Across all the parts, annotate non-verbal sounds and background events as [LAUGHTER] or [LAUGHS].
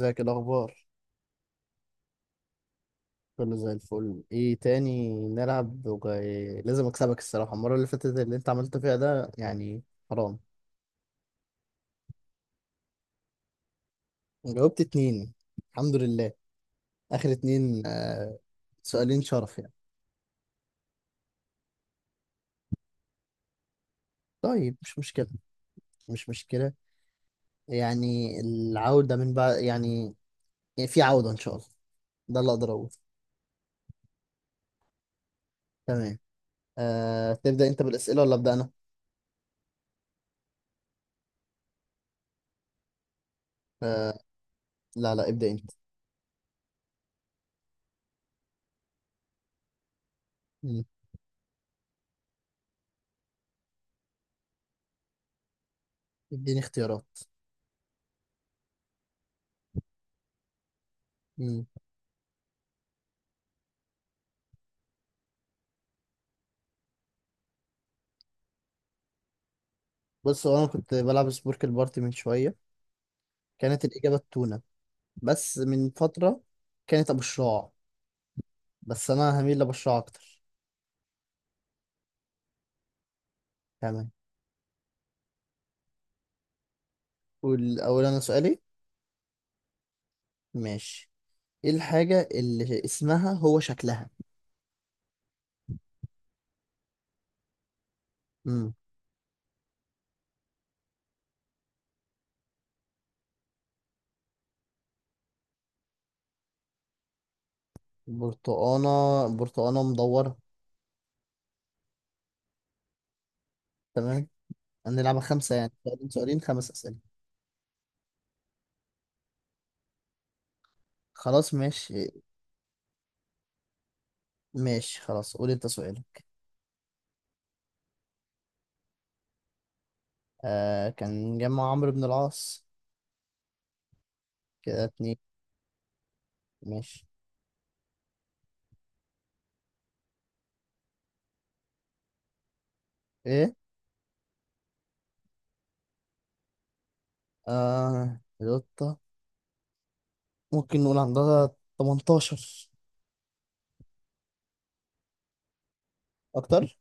ازيك؟ إيه الاخبار؟ كله زي الفل. ايه تاني نلعب، وجاي لازم اكسبك. الصراحه المره اللي فاتت اللي انت عملته فيها ده يعني حرام. جاوبت اتنين، الحمد لله. اخر اتنين، آه، سؤالين شرف يعني. طيب، مش مشكله، مش مشكله. يعني العوده من بعد يعني في عوده ان شاء الله. ده اللي اقدر اقوله. تمام. آه، تبدا انت بالاسئله ولا ابدا انا؟ آه، لا لا، ابدا انت. مم. اديني اختيارات. مم. بص، هو انا كنت بلعب سبورك البارتي من شويه، كانت الإجابة التونة، بس من فترة كانت أبو الشراع، بس أنا هميل لأبو الشراع أكتر. تمام. قول أول أنا سؤالي. ماشي. إيه الحاجة اللي اسمها هو شكلها؟ امم برتقانة، برتقانة مدورة. تمام. هنلعبها خمسة، يعني سؤالين سؤالين، خمس أسئلة. خلاص ماشي. ماشي خلاص، قول أنت سؤالك. آه، كان جمع عمرو بن العاص. كده اتنين. ماشي. إيه؟ آه القطة، ممكن نقول عندها 18. أكتر.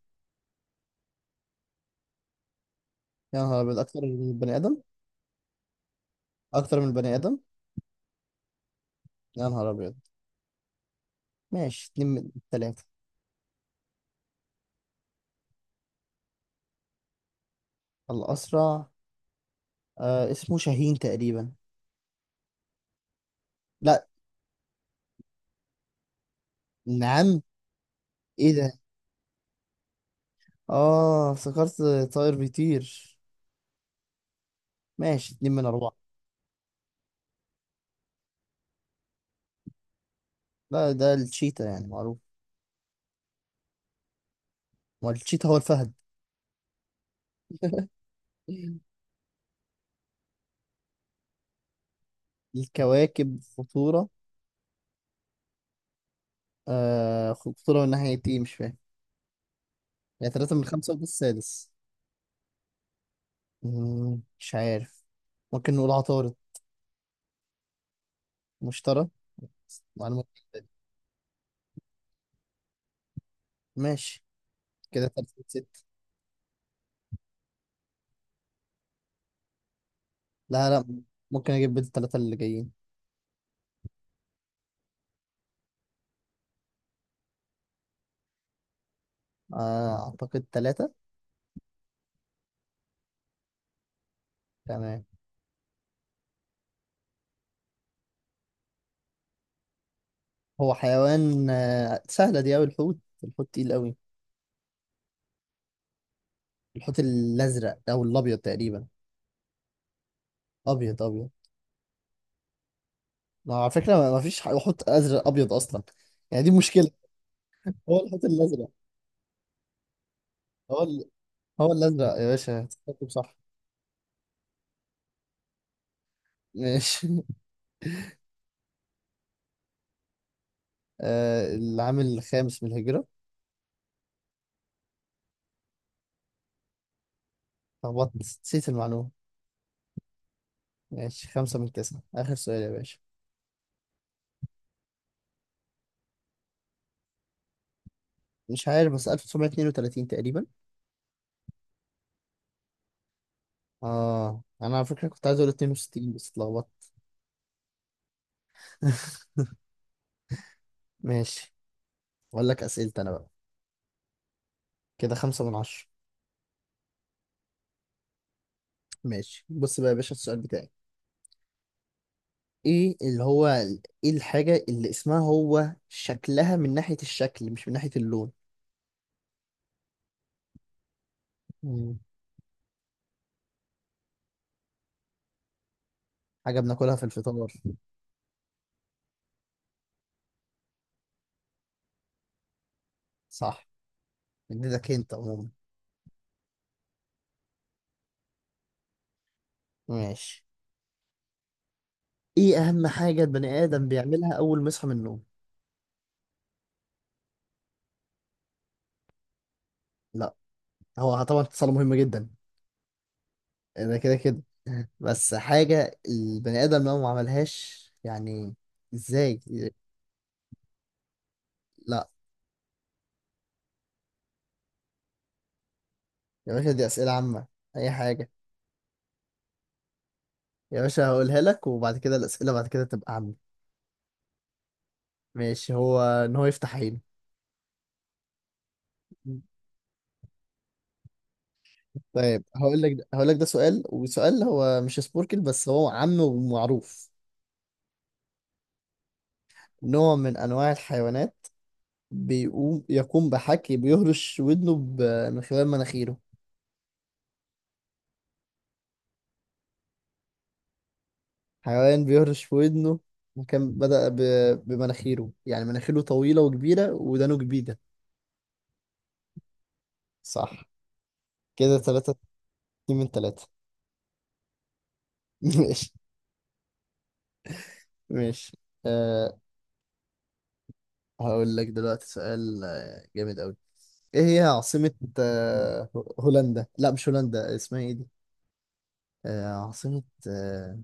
يا نهار أبيض، أكتر من البني آدم. أكتر من البني آدم. يا نهار أبيض. ماشي، اتنين من التلاتة. الأسرع؟ آه، اسمه شاهين تقريبا. لا. نعم. إيه ده؟ آه افتكرت، طائر بيطير. ماشي، اتنين من أربعة. لا، ده الشيتا، يعني معروف. ما الشيتا هو الفهد. الكواكب خطورة؟ آه، خطورة من ناحية إيه؟ مش فاهم. يعني تلاتة من خمسة، وده السادس. مش عارف. ممكن نقول عطارد. مشترى. معلومة جديدة دي. ماشي. كده تلاتة. لا لا. ممكن اجيب بيت الثلاثة اللي جايين. آه، اعتقد ثلاثة. تمام. هو حيوان سهلة دي اوي، الحوت. الحوت تقيل اوي. الحوت الازرق او الابيض تقريبا. ابيض، ابيض. ما على فكرة، ما فيش حوت ازرق ابيض اصلا. يعني دي مشكلة. هو الحوت الازرق. هو ال... هو الازرق يا باشا، هتتكتب صح. ماشي. [LAUGHS] آه، العام الخامس من الهجرة. لخبطت، نسيت المعلومة. ماشي، خمسة من تسعة. آخر سؤال يا باشا. مش عارف، بس 1932 تقريبا. اه انا على فكرة كنت عايز اقول 62 بس اتلخبطت. [LAUGHS] ماشي. اقول لك اسئلتي انا بقى. كده خمسة من عشرة. ماشي، بص بقى يا باشا، السؤال بتاعي. ايه اللي هو، ايه الحاجة اللي اسمها هو شكلها، من ناحية الشكل مش من ناحية اللون؟ مم. حاجة بناكلها في الفطار. صح. اديتك انت عموما. ماشي. ايه اهم حاجة البني ادم بيعملها اول ما يصحى من النوم؟ لا. هو طبعا اتصال مهم جدا، ده كده كده، بس حاجة البني آدم لو ما عملهاش يعني. ازاي؟ لا. يا باشا دي أسئلة عامة، أي حاجة. يا باشا هقولها لك، وبعد كده الأسئلة بعد كده تبقى عامة. ماشي. هو إن هو يفتح عينه. طيب هقول لك، ده سؤال، وسؤال هو مش سبوركل، بس هو عام ومعروف. نوع من أنواع الحيوانات، يقوم بحكي بيهرش ودنه من خلال مناخيره. حيوان بيهرش في ودنه، وكان بدأ ب... بمناخيره، يعني مناخيره طويلة وكبيرة، ودانه كبيرة. صح. كده تلاتة. اتنين من تلاتة. [LAUGHS] ماشي. ماشي. أه هقول لك دلوقتي سؤال جامد أوي. ايه هي عاصمة أه هولندا؟ لا، مش هولندا. اسمها ايه دي؟ أه، عاصمة. أه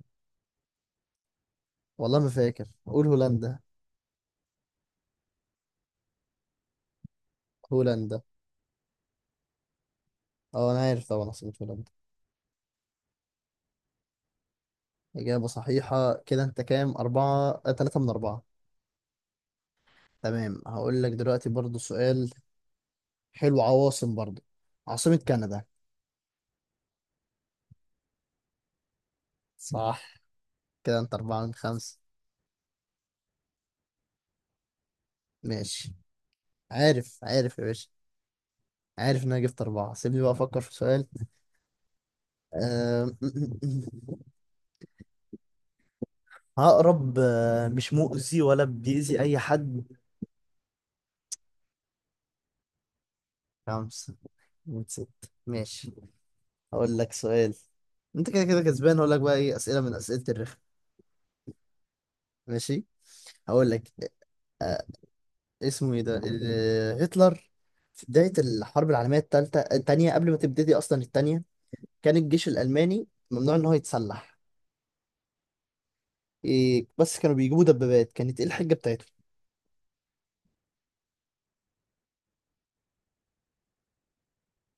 والله ما فاكر، قول هولندا. هولندا. اه انا عارف طبعا عاصمة هولندا. إجابة صحيحة. كده انت كام؟ أربعة. تلاتة من أربعة. تمام، هقول لك دلوقتي برضو سؤال حلو، عواصم برضه. عاصمة كندا. صح. كده انت أربعة من خمسة. ماشي. عارف عارف يا باشا، عارف إن أنا جبت أربعة. سيبني بقى أفكر في سؤال. أه... [LAUGHS] عقرب، مش مؤذي ولا بيأذي أي حد. خمسة من ستة. ماشي، هقول لك سؤال. أنت كده كده كسبان. هقول لك بقى إيه؟ أسئلة من أسئلة الرخ. ماشي. هقول لك. أه... اسمه إيه ده، هتلر، في بداية الحرب العالمية التانية، قبل ما تبتدي أصلا التانية، كان الجيش الألماني ممنوع إن هو يتسلح. إيه بس كانوا بيجيبوا دبابات؟ كانت إيه الحجة بتاعتهم؟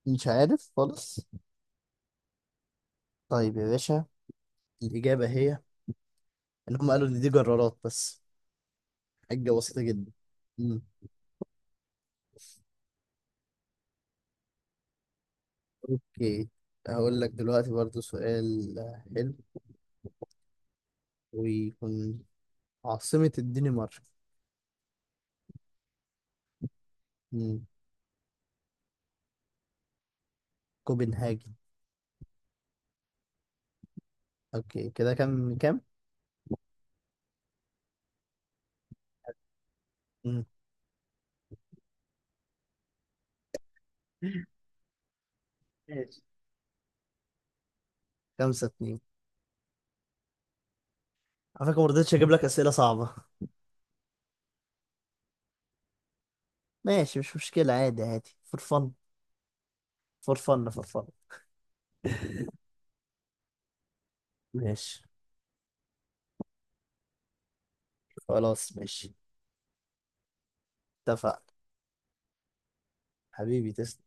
مش عارف خالص. طيب يا باشا، الإجابة هي إن هم قالوا إن دي جرارات بس. حجة بسيطة جدا. مم. أوكي، هقول لك دلوقتي برضو سؤال حلو، ويكون عاصمة الدنمارك. مم. كوبنهاجن. أوكي، كده كام؟ مم. ماشي. خمسة اتنين. على فكرة ما رضيتش أجيب لك أسئلة صعبة. ماشي، مش مشكلة، عادي عادي. فور فن فور فن فور فن ماشي. خلاص ماشي. اتفق. حبيبي تسلم.